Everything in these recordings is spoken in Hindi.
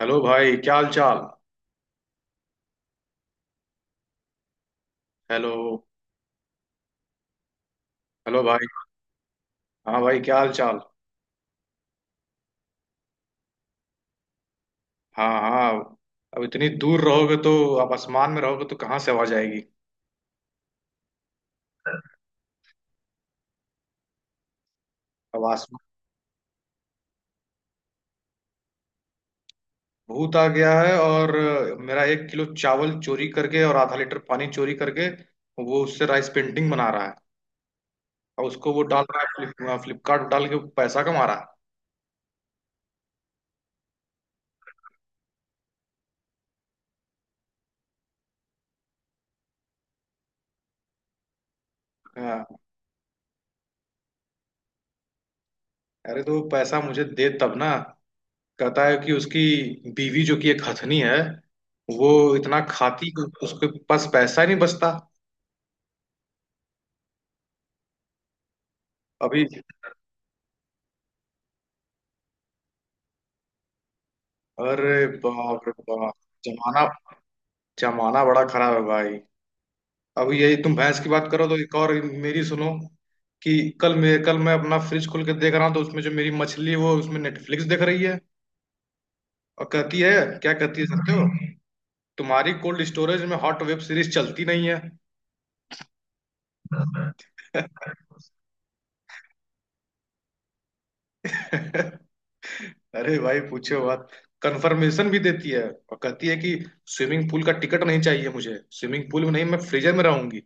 हेलो भाई, क्या हाल चाल। हेलो। हेलो भाई। हाँ भाई, क्या हाल चाल। हाँ, हाँ। अब इतनी दूर रहोगे तो आप आसमान में रहोगे तो कहाँ से आवाज आएगी। अब आसमान। भूत आ गया है, और मेरा 1 किलो चावल चोरी करके और आधा लीटर पानी चोरी करके वो उससे राइस पेंटिंग बना रहा है। और उसको वो डाल रहा है फ्लिपकार्ट डाल के पैसा कमा रहा है। हाँ। अरे तो वो पैसा मुझे दे तब ना। कहता है कि उसकी बीवी, जो कि एक हथनी है, वो इतना खाती कि उसके पास पैसा ही नहीं बचता। अभी। अरे बाप रे बाप। जमाना जमाना बड़ा खराब है भाई। अब यही, तुम भैंस की बात करो तो एक और मेरी सुनो कि कल मैं अपना फ्रिज खोल के देख रहा हूँ तो उसमें जो मेरी मछली है, वो उसमें नेटफ्लिक्स देख रही है। और कहती है, क्या कहती है जानते हो? तुम्हारी कोल्ड स्टोरेज में हॉट वेब सीरीज चलती नहीं है। अरे भाई पूछो बात। कंफर्मेशन भी देती है और कहती है कि स्विमिंग पूल का टिकट नहीं चाहिए मुझे, स्विमिंग पूल में नहीं, मैं फ्रीजर में रहूंगी।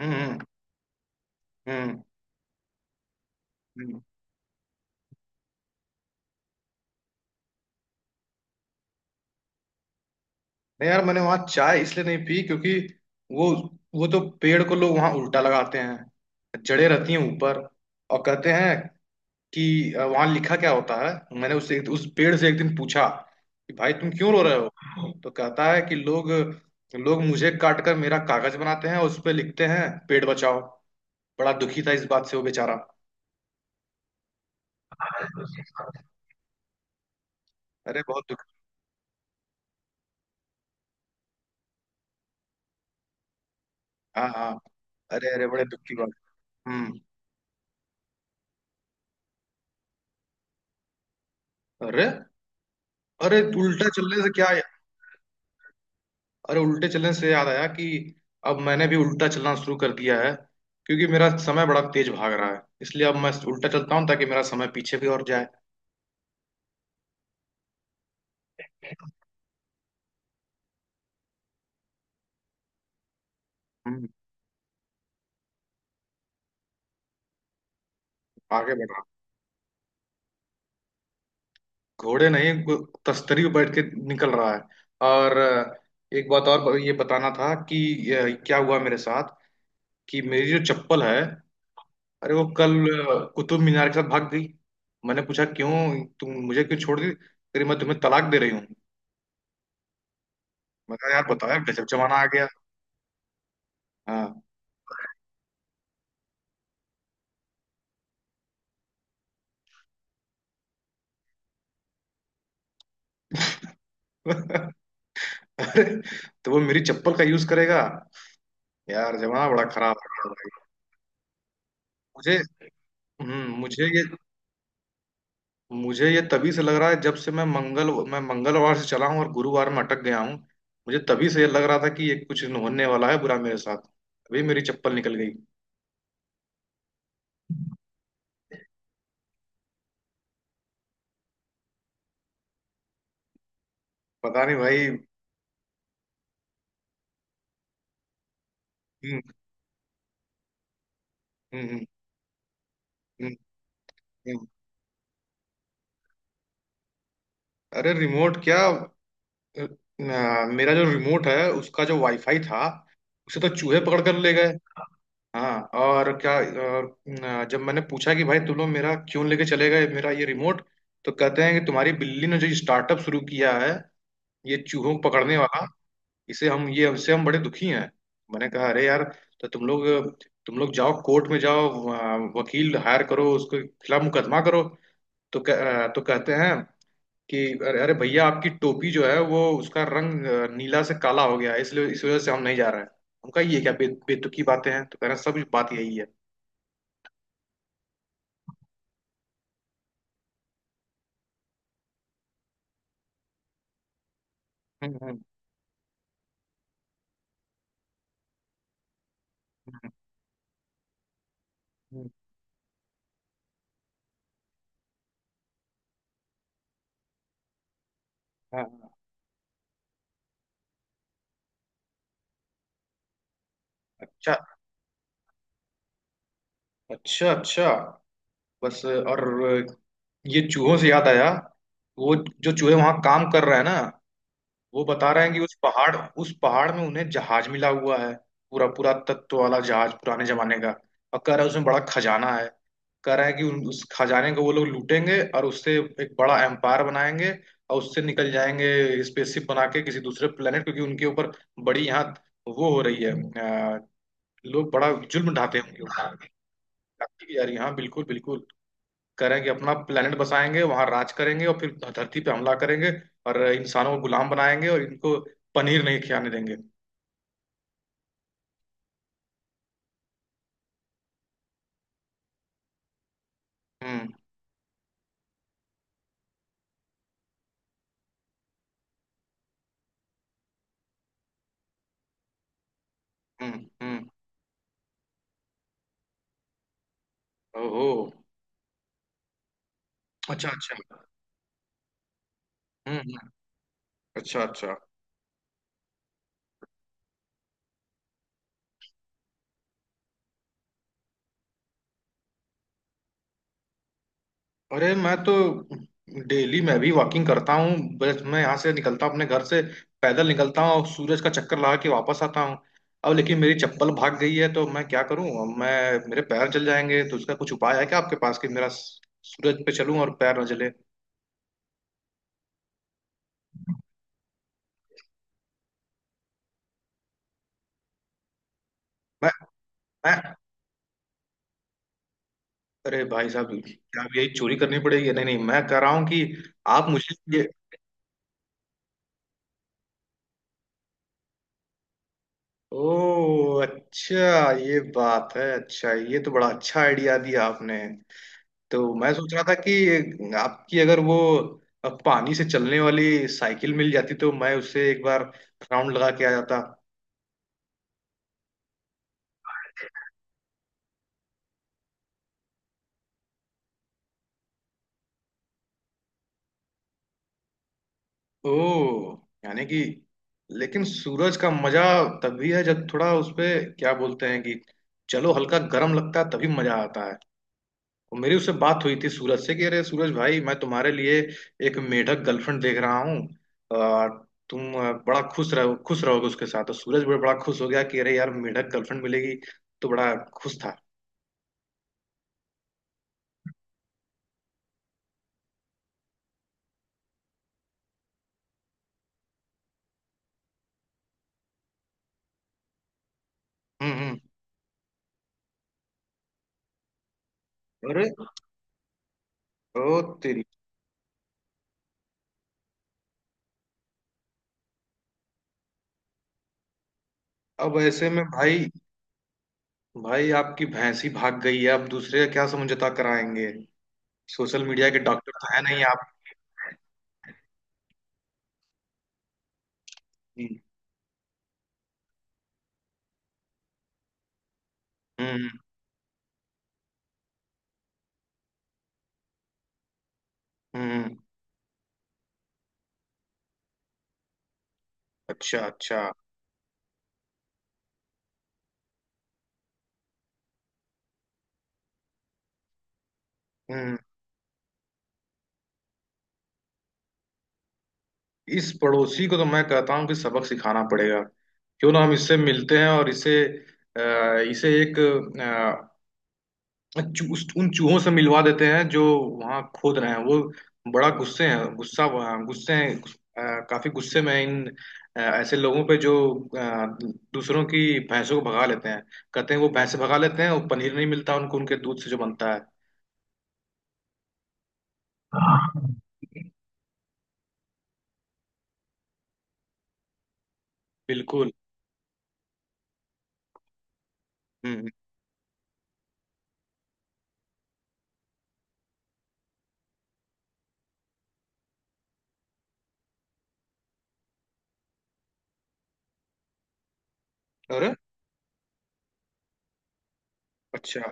हम्म, हम्म, हम्म। हम्म। नहीं यार, मैंने वहां चाय इसलिए नहीं पी क्योंकि वो वो तो पेड़ को लोग वहां उल्टा लगाते हैं, जड़ें रहती हैं ऊपर। और कहते हैं कि वहां लिखा क्या होता है। मैंने उस पेड़ से एक दिन पूछा कि भाई तुम क्यों रो रहे हो, तो कहता है कि लोग लोग मुझे काट कर मेरा कागज बनाते हैं और उस पर लिखते हैं पेड़ बचाओ। बड़ा दुखी था इस बात से वो बेचारा। अरे बहुत दुख। हाँ, हाँ। अरे, अरे, बड़े दुख की बात। हम्म। अरे, अरे, उल्टा चलने से क्या? अरे, उल्टे चलने से याद आया कि अब मैंने भी उल्टा चलना शुरू कर दिया है, क्योंकि मेरा समय बड़ा तेज भाग रहा है, इसलिए अब मैं उल्टा चलता हूँ ताकि मेरा समय पीछे भी और जाए। हम्म। आगे बढ़ रहा। घोड़े नहीं, तस्तरी पे बैठ के निकल रहा है। और एक बात और ये बताना था कि क्या हुआ मेरे साथ, कि मेरी जो चप्पल है, अरे वो कल कुतुब मीनार के साथ भाग गई। मैंने पूछा क्यों, तुम मुझे क्यों छोड़ दी? कह रही मैं तुम्हें तलाक दे रही हूँ। मैं कहा यार, बताया गजब जमाना आ गया। हाँ। अरे तो वो मेरी चप्पल का यूज करेगा। यार, जमाना बड़ा खराब हो गया भाई। मुझे हम्म मुझे ये मुझे ये तभी से लग रहा है जब से मैं मंगलवार से चला हूँ और गुरुवार में अटक गया हूँ। मुझे तभी से ये लग रहा था कि ये कुछ होने वाला है बुरा मेरे साथ। अभी मेरी चप्पल निकल गई। पता नहीं भाई। हम्म, हम्म, हम्म, हम्म। हम्म। अरे रिमोट क्या? अ, मेरा जो रिमोट है उसका जो वाईफाई था, उसे तो चूहे पकड़ कर ले गए। हाँ, और क्या। और, न, जब मैंने पूछा कि भाई तुम लोग मेरा क्यों लेके चले गए मेरा ये रिमोट, तो कहते हैं कि तुम्हारी बिल्ली ने जो स्टार्टअप शुरू किया है, ये चूहों को पकड़ने वाला, इसे हम ये हमसे हम बड़े दुखी हैं। मैंने कहा अरे यार, तो तुम लोग जाओ, कोर्ट में जाओ, वकील हायर करो, उसके खिलाफ मुकदमा करो। तो कहते हैं कि अरे, अरे, भैया आपकी टोपी जो है, वो उसका रंग नीला से काला हो गया है, इसलिए इस वजह से हम नहीं जा रहे हैं। हम कहा ये क्या बेतुकी बातें हैं, तो कह रहे हैं सब बात यही है। हम्म, हम्म, हम्म। हाँ, हाँ। अच्छा, अच्छा। अच्छा, बस, और ये चूहों से याद आया। वो जो चूहे वहां काम कर रहे हैं ना, वो बता रहे हैं कि उस पहाड़ में उन्हें जहाज मिला हुआ है। पूरा पूरा तत्व वाला जहाज, पुराने जमाने का। और कह रहा है उसमें बड़ा खजाना है। कह रहा है कि उस खजाने को वो लोग लूटेंगे और उससे एक बड़ा एम्पायर बनाएंगे। और उससे निकल जाएंगे, स्पेसशिप बना के किसी दूसरे प्लेनेट, क्योंकि उनके ऊपर बड़ी यहाँ वो हो रही है। लोग बड़ा जुल्म ढाते होंगे। लगती भी जा रही है। हाँ, बिल्कुल, बिल्कुल। करेंगे अपना planet बसाएंगे, वहां राज करेंगे और फिर धरती पे हमला करेंगे और इंसानों को गुलाम बनाएंगे और इनको पनीर नहीं खिलाने देंगे। हम्म, हम्म, हम्म। ओहो। अच्छा, अच्छा। हम्म, हम्म। अच्छा, अच्छा। अरे मैं तो डेली मैं भी वॉकिंग करता हूँ। बस मैं यहाँ से निकलता हूँ अपने घर से, पैदल निकलता हूँ और सूरज का चक्कर लगा के वापस आता हूँ। अब लेकिन मेरी चप्पल भाग गई है तो मैं क्या करूँ? अब मैं मेरे पैर जल जाएंगे, तो उसका कुछ उपाय है क्या आपके पास, कि मेरा सूरज पे चलूँ और पैर न जले? मैं मैं, अरे भाई साहब, क्या अब यही चोरी करनी पड़ेगी? नहीं, नहीं, मैं कह रहा हूँ कि आप मुझे ये। ओ अच्छा, ये बात है। अच्छा, ये तो बड़ा अच्छा आइडिया दिया आपने। तो मैं सोच रहा था कि आपकी अगर वो पानी से चलने वाली साइकिल मिल जाती तो मैं उससे एक बार राउंड लगा के आ जाता। ओ, यानी कि, लेकिन सूरज का मजा तभी है जब थोड़ा उसपे, क्या बोलते हैं कि, चलो, हल्का गर्म लगता है तभी मजा आता है। और मेरी उससे बात हुई थी सूरज से कि अरे सूरज भाई, मैं तुम्हारे लिए एक मेढक गर्लफ्रेंड देख रहा हूँ। आ, तुम बड़ा खुश रहो, खुश रहोगे उसके साथ। तो सूरज भी बड़ा खुश हो गया कि अरे यार, मेढक गर्लफ्रेंड मिलेगी। तो बड़ा खुश था। हम्म, हम्म। अरे, ओ तेरी। अब ऐसे में भाई, भाई आपकी भैंसी भाग गई है, अब दूसरे का क्या समझौता कराएंगे? सोशल मीडिया के डॉक्टर तो है नहीं आप। हम्म, हम्म, हम्म। अच्छा, अच्छा। हम्म। इस पड़ोसी को तो मैं कहता हूँ कि सबक सिखाना पड़ेगा। क्यों ना हम इससे मिलते हैं और इसे अ, इसे एक अ, उन चूहों से मिलवा देते हैं जो वहाँ खोद रहे हैं। वो बड़ा गुस्से हैं गुस्सा गुस्से हैं अ, काफी गुस्से में हैं इन ऐसे लोगों पे जो अ, दूसरों की भैंसों को भगा लेते हैं। कहते हैं वो भैंसे भगा लेते हैं और पनीर नहीं मिलता उनको, उनके दूध से जो बनता है। बिल्कुल। हम्म। और अच्छा।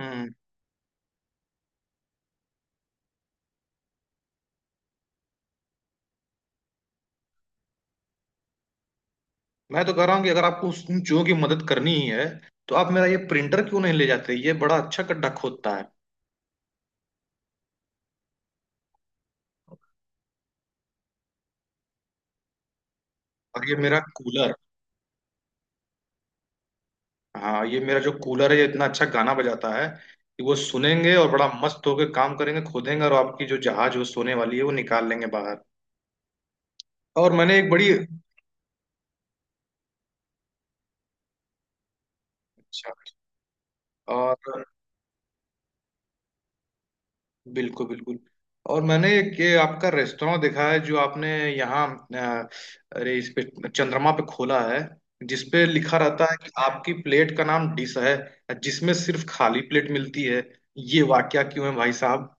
हम्म। मैं तो कह रहा हूँ कि अगर आपको उस उन चूहों की मदद करनी ही है, तो आप मेरा ये प्रिंटर क्यों नहीं ले जाते, ये बड़ा अच्छा गड्ढा खोदता है। और ये मेरा कूलर। हाँ, ये मेरा जो कूलर है ये इतना अच्छा गाना बजाता है कि वो सुनेंगे और बड़ा मस्त होकर काम करेंगे, खोदेंगे, और आपकी जो जहाज वो सोने वाली है वो निकाल लेंगे बाहर। और मैंने एक बड़ी। अच्छा। और बिल्कुल, बिल्कुल। और मैंने एक ये आपका रेस्टोरेंट देखा है जो आपने यहाँ, अ, अरे इस पे, चंद्रमा पे खोला है, जिस पे लिखा रहता है कि आपकी प्लेट का नाम डिश है, जिसमें सिर्फ खाली प्लेट मिलती है। ये वाकया क्यों है भाई साहब?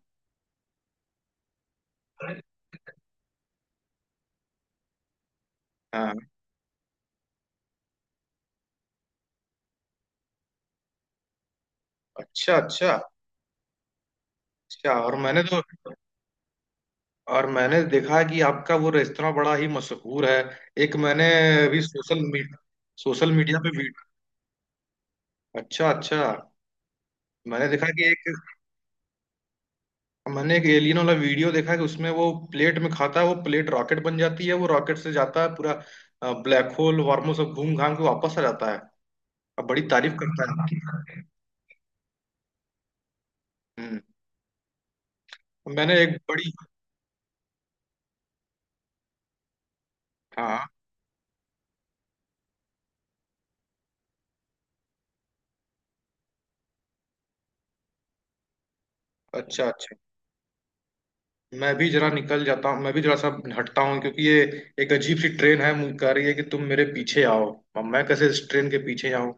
हाँ, अच्छा, अच्छा। अच्छा, और मैंने तो। और मैंने देखा है कि आपका वो रेस्तरा बड़ा ही मशहूर है। एक मैंने अभी, सोशल मीडिया पे वी अच्छा, अच्छा। मैंने देखा कि एक। मैंने एक एलियन वाला वीडियो देखा है कि उसमें वो प्लेट में खाता है, वो प्लेट रॉकेट बन जाती है, वो रॉकेट से जाता है, पूरा ब्लैक होल वार्मो सब घूम घाम के वापस आ जाता है। अब बड़ी तारीफ करता है आपकी। हम्म। मैंने एक बड़ी। हाँ, अच्छा, अच्छा। मैं भी जरा निकल जाता हूँ, मैं भी जरा सा हटता हूँ क्योंकि ये एक अजीब सी ट्रेन है, मुझे कह रही है कि तुम मेरे पीछे आओ। अब मैं कैसे इस ट्रेन के पीछे आऊँ?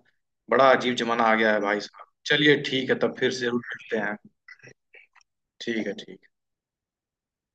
बड़ा अजीब जमाना आ गया है भाई साहब। चलिए ठीक है, तब फिर जरूर मिलते हैं। ठीक है, ठीक।